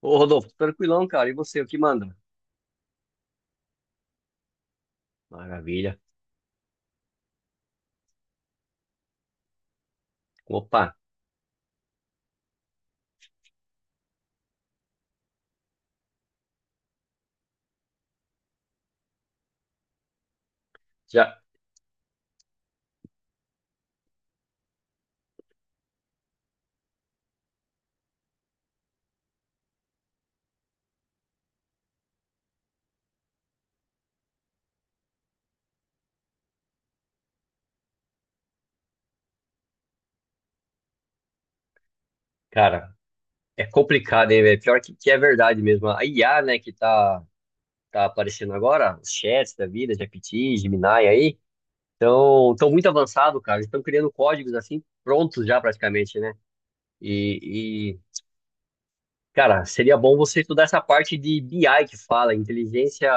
Ô, Rodolfo, tranquilão, cara. E você, o que manda? Maravilha. Opa, já. Cara, é complicado, hein, velho? Pior que é verdade mesmo. A IA, né, que tá aparecendo agora, os chats da vida, GPT, Gemini aí, estão tão muito avançado, cara. Eles estão criando códigos assim, prontos já praticamente, né? E, cara, seria bom você estudar essa parte de BI que fala, inteligência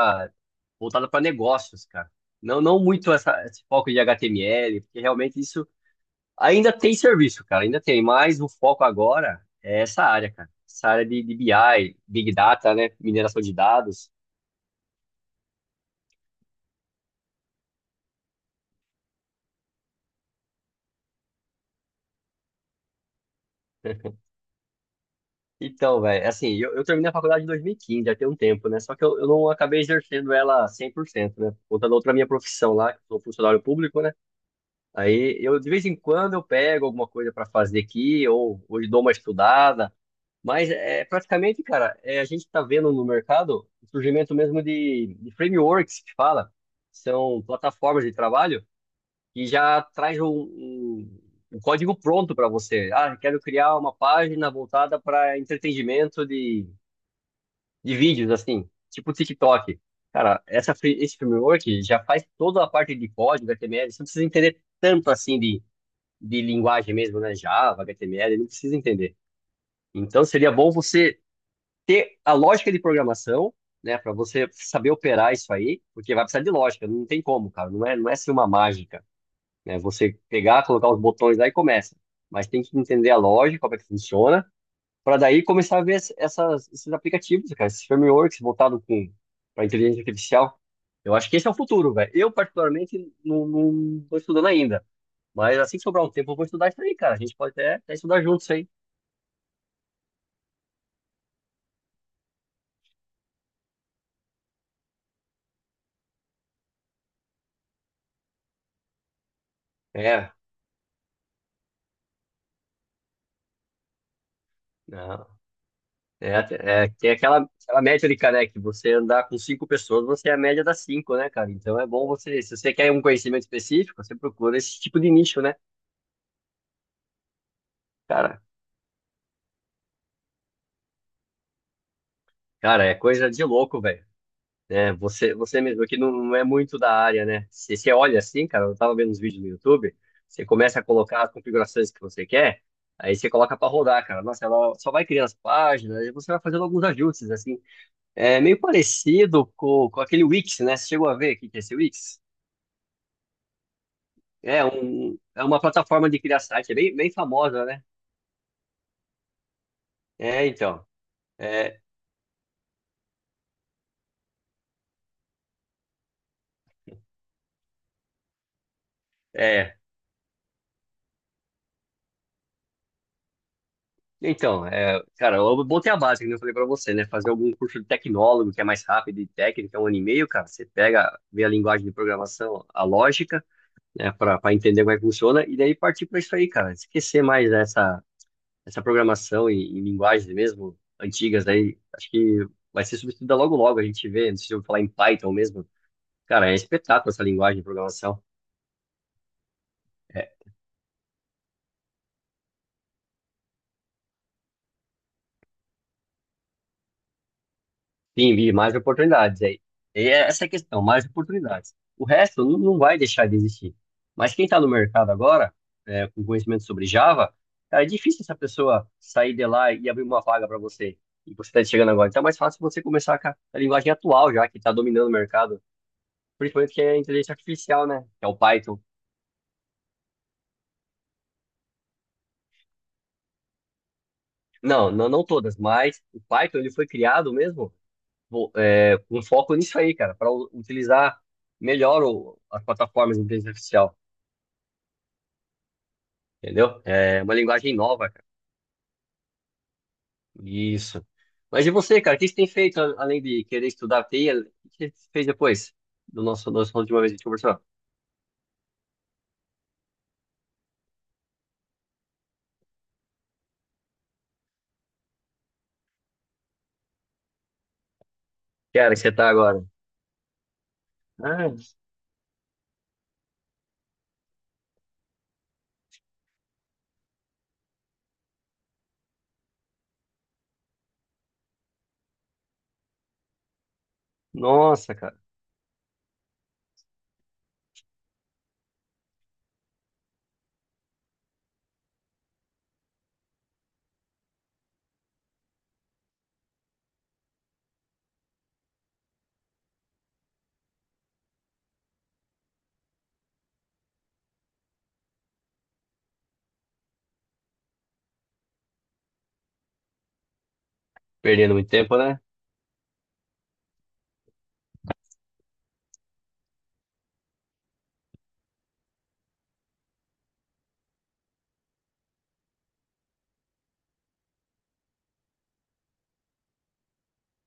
voltada para negócios, cara. Não, não muito essa, esse foco de HTML, porque realmente isso ainda tem serviço, cara, ainda tem, mas o foco agora é essa área, cara. Essa área de BI, Big Data, né? Mineração de dados. Então, velho, assim, eu terminei a faculdade em 2015, já tem um tempo, né? Só que eu não acabei exercendo ela 100%, né? Por conta da outra minha profissão lá, que sou funcionário público, né? Aí eu, de vez em quando, eu pego alguma coisa para fazer aqui, ou dou uma estudada. Mas é praticamente, cara, é, a gente está vendo no mercado o surgimento mesmo de frameworks que fala, são plataformas de trabalho que já traz um código pronto para você. Ah, quero criar uma página voltada para entretenimento de vídeos, assim, tipo TikTok. Cara, esse framework já faz toda a parte de código, HTML, você não precisa entender tanto assim de linguagem mesmo, né? Java, HTML, não precisa entender. Então seria bom você ter a lógica de programação, né, para você saber operar isso aí, porque vai precisar de lógica, não tem como, cara, não é ser uma mágica, né, você pegar, colocar os botões lá e começa, mas tem que entender a lógica, como é que funciona, para daí começar a ver esses aplicativos, cara, esses frameworks voltados com para inteligência artificial. Eu acho que esse é o futuro, velho. Eu, particularmente, não, não tô estudando ainda. Mas assim que sobrar um tempo, eu vou estudar isso aí, cara. A gente pode até estudar juntos aí. É. Né? É, é, tem aquela métrica, né? Que você andar com cinco pessoas, você é a média das cinco, né, cara? Então é bom você, se você quer um conhecimento específico, você procura esse tipo de nicho, né? Cara, cara, é coisa de louco, velho. É, você mesmo que não, não é muito da área, né? Se você olha assim, cara, eu tava vendo uns vídeos no YouTube, você começa a colocar as configurações que você quer, aí você coloca pra rodar, cara. Nossa, ela só vai criando as páginas, e você vai fazendo alguns ajustes, assim. É meio parecido com aquele Wix, né? Você chegou a ver o que que é esse Wix? É, é uma plataforma de criar site, é bem, bem famosa, né? É, então. É, é. Então, é, cara, eu botei a base, que eu falei pra você, né? Fazer algum curso de tecnólogo, que é mais rápido e técnico, é um ano e meio, cara. Você pega, vê a linguagem de programação, a lógica, né? Pra entender como é que funciona, e daí partir pra isso aí, cara. Esquecer mais essa programação em linguagens mesmo antigas, aí acho que vai ser substituída logo logo. A gente vê, não sei se eu vou falar em Python mesmo. Cara, é espetáculo essa linguagem de programação. Sim, vi mais oportunidades aí. E é essa é a questão, mais oportunidades. O resto não vai deixar de existir. Mas quem está no mercado agora, é, com conhecimento sobre Java, cara, é difícil essa pessoa sair de lá e abrir uma vaga para você. E você está chegando agora. Então é mais fácil você começar com a linguagem atual já, que está dominando o mercado. Principalmente que é a inteligência artificial, né? Que é o Python. Não, não, não todas, mas o Python ele foi criado mesmo com foco nisso aí, cara, para utilizar melhor as plataformas de inteligência artificial. Entendeu? É uma linguagem nova, cara. Isso. Mas e você, cara? O que você tem feito além de querer estudar TI? O que você fez depois do nosso última vez que a gente conversou? Que área que você tá agora? Ah, nossa, cara. Perdendo muito tempo, né?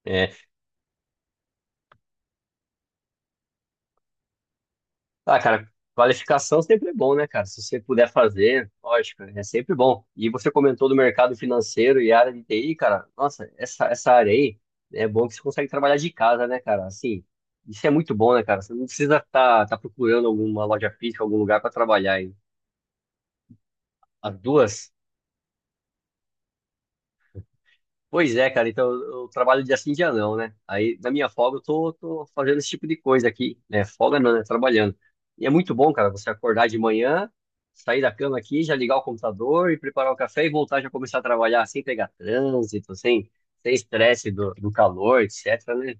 É. Ah, cara, qualificação sempre é bom, né, cara? Se você puder fazer, lógico, é sempre bom. E você comentou do mercado financeiro e área de TI, cara. Nossa, essa área aí, né, é bom que você consegue trabalhar de casa, né, cara? Assim, isso é muito bom, né, cara? Você não precisa estar tá procurando alguma loja física, algum lugar para trabalhar. E as duas. Pois é, cara, então eu trabalho dia sim, dia não, né? Aí na minha folga eu tô fazendo esse tipo de coisa aqui, né? Folga não, né? Trabalhando. E é muito bom, cara, você acordar de manhã, sair da cama aqui, já ligar o computador e preparar o café e voltar já começar a trabalhar sem pegar trânsito, sem estresse do calor, etc, né?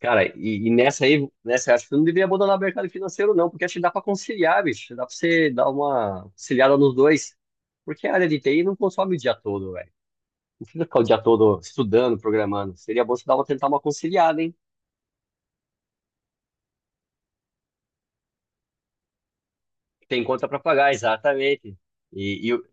Cara, e nessa aí, nessa, acho que eu não devia abandonar o mercado financeiro, não, porque acho que dá pra conciliar, bicho. Dá pra você dar uma conciliada nos dois. Porque a área de TI não consome o dia todo, velho. Não precisa ficar o dia todo estudando, programando. Seria bom você dar uma, tentar uma conciliada, hein? Tem conta para pagar, exatamente. E, e, o-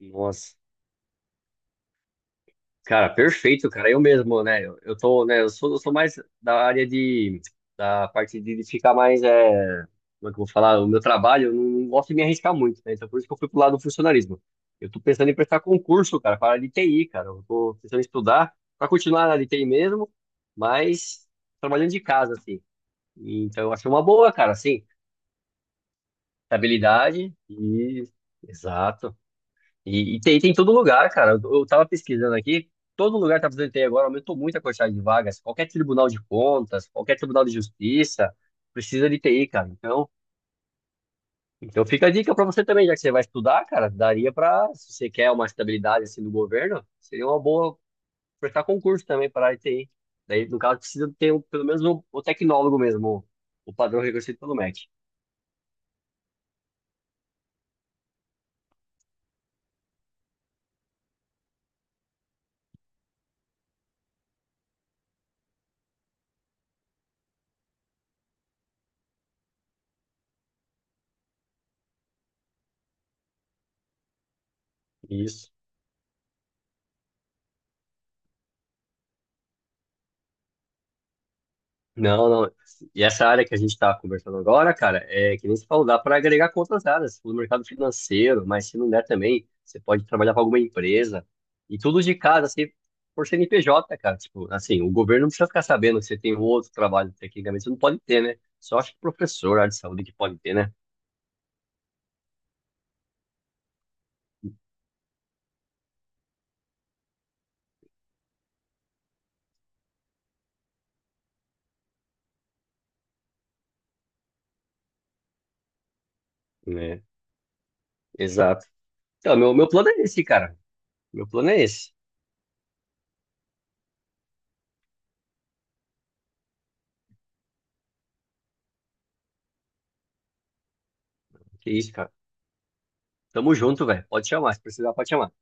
Nossa, cara, perfeito, cara. Eu mesmo, né? Eu tô, né? Eu sou mais da área de, da parte de ficar mais, é, como é que eu vou falar? O meu trabalho, eu não gosto de me arriscar muito, né? Então, por isso que eu fui pro lado do funcionalismo. Eu tô pensando em prestar concurso, cara, para a área de TI, cara. Eu tô pensando em estudar para continuar na área de TI mesmo, mas trabalhando de casa, assim. Então, eu acho uma boa, cara, assim. Estabilidade e exato. E tem em todo lugar, cara. Eu tava pesquisando aqui, todo lugar tá precisando ter agora, aumentou muito a quantidade de vagas. Qualquer tribunal de contas, qualquer tribunal de justiça precisa de TI, cara. Então, fica a dica pra você também, já que você vai estudar, cara, daria pra, se você quer uma estabilidade assim do governo, seria uma boa prestar concurso também para a TI. Daí, no caso, precisa ter pelo menos um, o tecnólogo mesmo, o padrão reconhecido pelo MEC. Isso. Não, não. E essa área que a gente está conversando agora, cara, é que nem se falou, dá para agregar com outras áreas, no mercado financeiro, mas se não der também, você pode trabalhar para alguma empresa. E tudo de casa, assim, por CNPJ, cara. Tipo, assim, o governo não precisa ficar sabendo que você tem um outro trabalho, tecnicamente, você não pode ter, né? Só acho que professor, área de saúde que pode ter, né? É, exato. Então, meu plano é esse, cara. Meu plano é esse. Que isso, cara. Tamo junto, velho. Pode chamar, se precisar, pode chamar.